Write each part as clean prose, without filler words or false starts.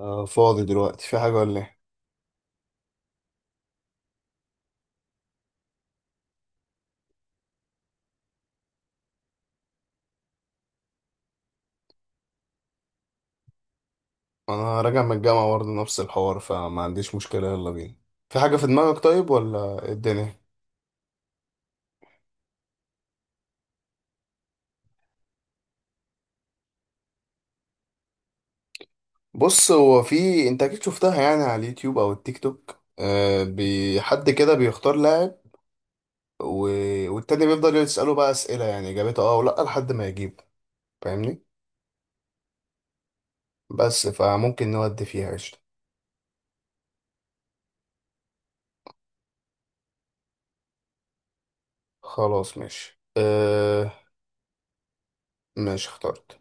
فاضي دلوقتي في حاجة ولا ايه؟ انا راجع من الجامعة برضه نفس الحوار فما عنديش مشكلة يلا بينا. في حاجة في دماغك طيب ولا إيه الدنيا؟ بص هو في انت اكيد شفتها يعني على اليوتيوب او التيك توك، حد كده بيختار لاعب و... والتاني بيفضل يسأله بقى أسئلة يعني إجابته اه ولا لحد ما يجيب. فاهمني؟ بس فممكن نودي فيها قشطة. خلاص ماشي ماشي اخترت.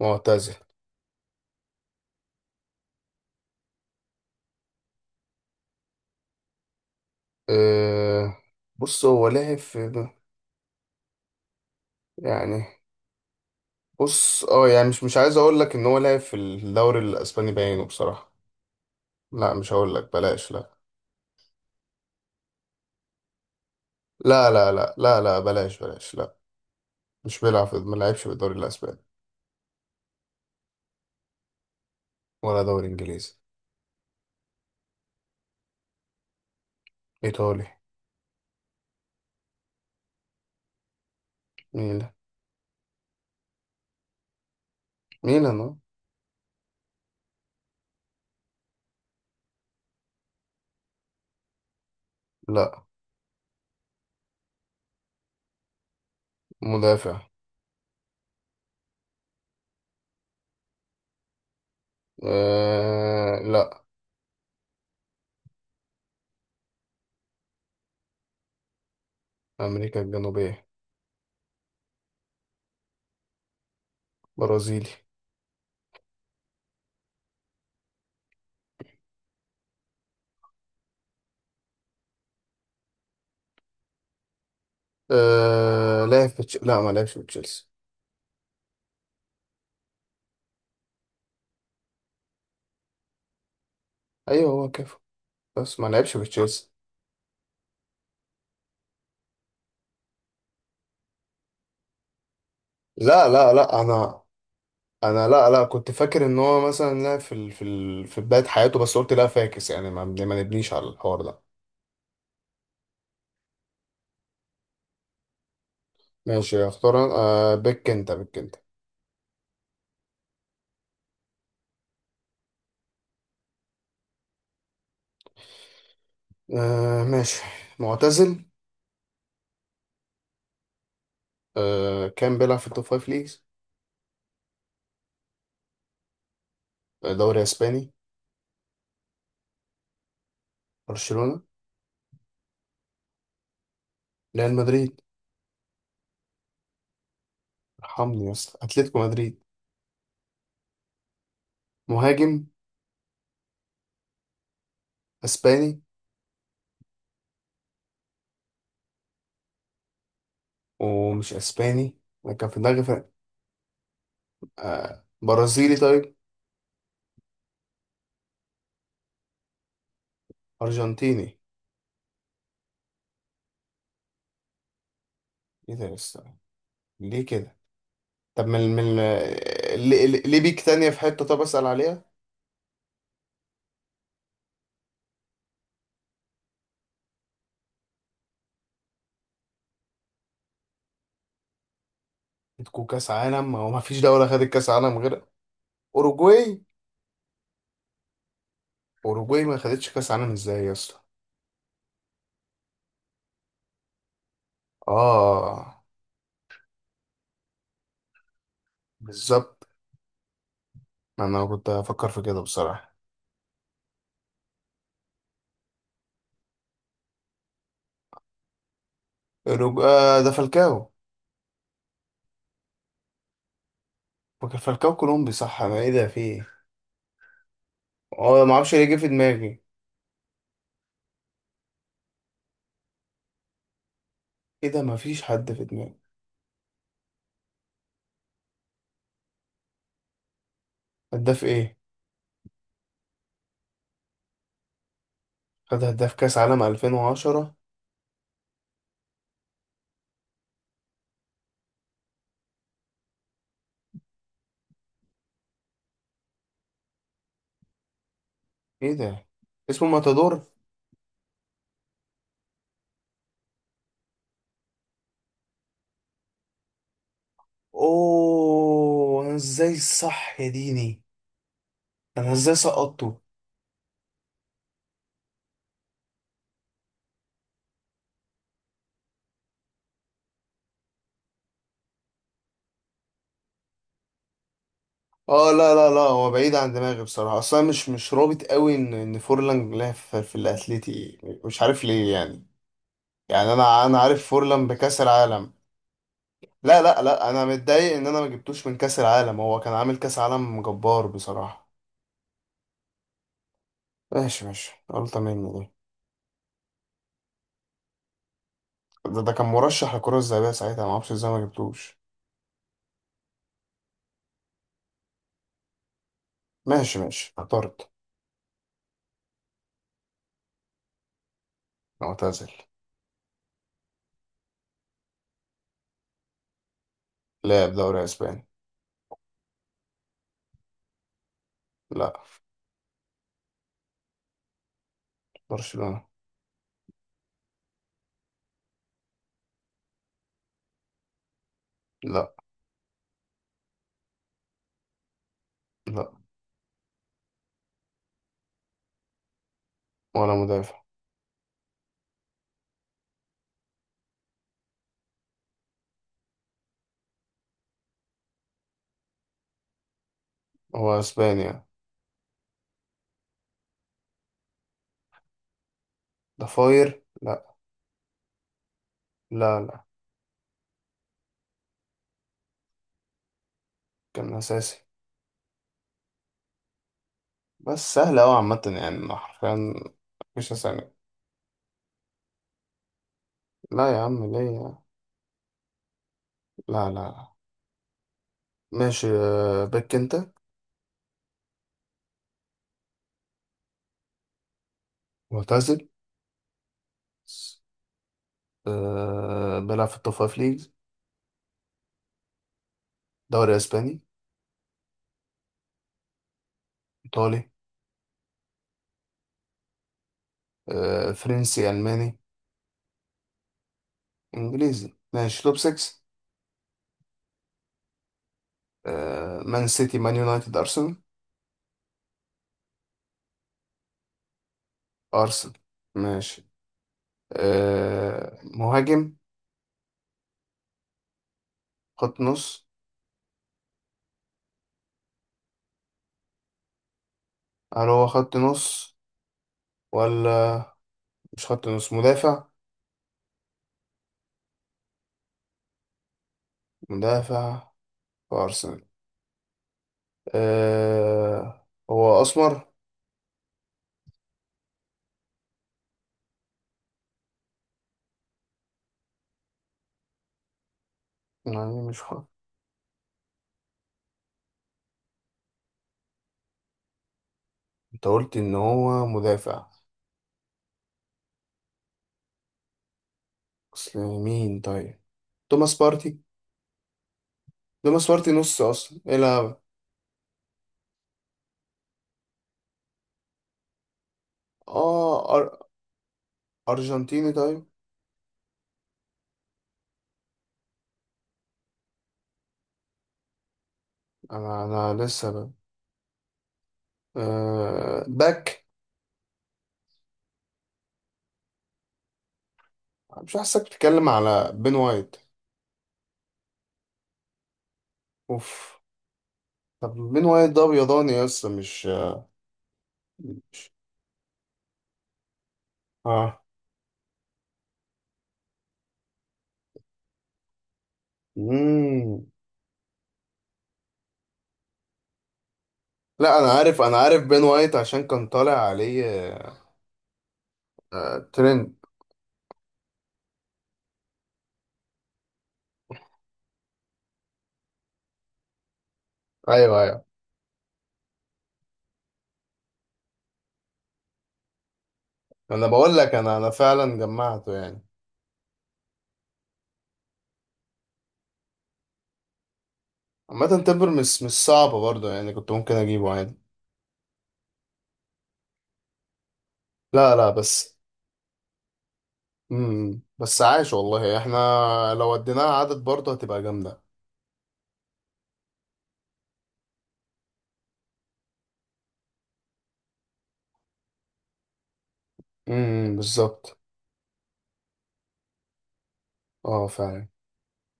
معتزل. أه... بص هو لعب في، يعني بص اه يعني مش عايز اقول لك ان هو لعب في الدوري الاسباني باينه بصراحه. لا مش هقول لك بلاش لا. لا لا لا لا لا بلاش بلاش لا. مش بيلعب في، ما لعبش في الدوري الاسباني. ولا دوري انجليزي. ايطالي. ميلان. ميلان اه. لا مدافع. آه لا، امريكا الجنوبيه. برازيلي. آه لعب في لا ما لعبش في تشيلسي. ايوه هو كافو، بس ما لعبش في تشيلسي. لا انا، انا لا لا كنت فاكر ان هو مثلا لا في بداية حياته، بس قلت لا فاكس يعني ما نبنيش على الحوار ده. ماشي اختار آه بك انت، بك انت. آه ماشي. معتزل. آه كان بيلعب في التوب فايف ليجز. آه، دوري اسباني. برشلونة. ريال مدريد. ارحمني يا اسطى، اتلتيكو مدريد. مهاجم. اسباني. ومش اسباني، انا كان في دماغي فرق. آه برازيلي طيب. ارجنتيني. ايه ده يا اسطى، ليه كده؟ طب من ليه ليه بيك تانية في حتة؟ طب أسأل عليها. عندكوا كأس عالم، ما هو ما فيش دولة خدت كأس عالم غير أوروجواي. أوروجواي ما خدتش كأس عالم إزاي يا اسطى. آه بالظبط، ما أنا كنت أفكر في كده بصراحة. آه ده فالكاو. فاكر فالكاو كولومبي صح، أنا إيه ده في إيه. آه ما أعرفش ليه جه في دماغي. إيه ده، ما فيش حد في دماغي. هداف إيه؟ خد هداف كأس عالم 2010. إيه ده، اسمه ماتادور. أوه أنا إزاي صح يا ديني، انا ازاي سقطته. اه لا لا لا، هو بعيد عن دماغي بصراحه، اصلا مش رابط قوي ان فورلان لعب في الاتليتي. مش عارف ليه يعني. يعني انا عارف فورلان بكاس العالم. لا لا لا، انا متضايق ان انا ما جبتوش من كاس العالم، هو كان عامل كاس عالم جبار بصراحه. ماشي ماشي، غلطه مني دي. ده كان مرشح للكره الذهبيه ساعتها، ما اعرفش ازاي ما جبتوش. ماشي ماشي اخترت. معتزل. لاعب دوري اسباني. لا. برشلونه. لا. لا ولا مدافع. هو اسبانيا. ضفاير لا. لا لا. كان أساسي. بس سهل أوي عامة يعني أنا حرفيا. مش ثانية. لا يا عم ليه يعني؟ لا لا لا. ماشي آه، بك أنت. معتزل. آه، بيلعب في التوب فايف ليجز. دوري أسباني. إيطالي. آه، فرنسي ألماني. إنجليزي، ماشي توب 6. مان سيتي، مان يونايتد، أرسنال. أرسنال. ماشي آه، مهاجم. خط نص، هل هو خط نص ولا؟ مش خط نص، مدافع. مدافع في أرسنال. أه هو أسمر. يعني مش حق. أنت قلت إن هو مدافع. أصل مين طيب؟ توماس بارتي. توماس بارتي نص أصلا، إيه لا. آه أر... أرجنتيني طيب. أنا أنا لسه ب... أه باك. مش حاسسك بتتكلم على بين وايت؟ أوف. طب بين وايت ده أبيضاني أصلا مش؟ مش- آه. مم. لا أنا عارف، أنا عارف بين وايت عشان كان طالع عليه، آه، ترند. ايوه أيوه. انا بقول لك انا فعلا جمعته يعني. عامه تمبر مش صعبه برضه يعني، كنت ممكن اجيبه عادي. لا لا بس. بس عايش والله احنا، لو وديناها عدد برضه هتبقى جامده. بالظبط. اه فعلا.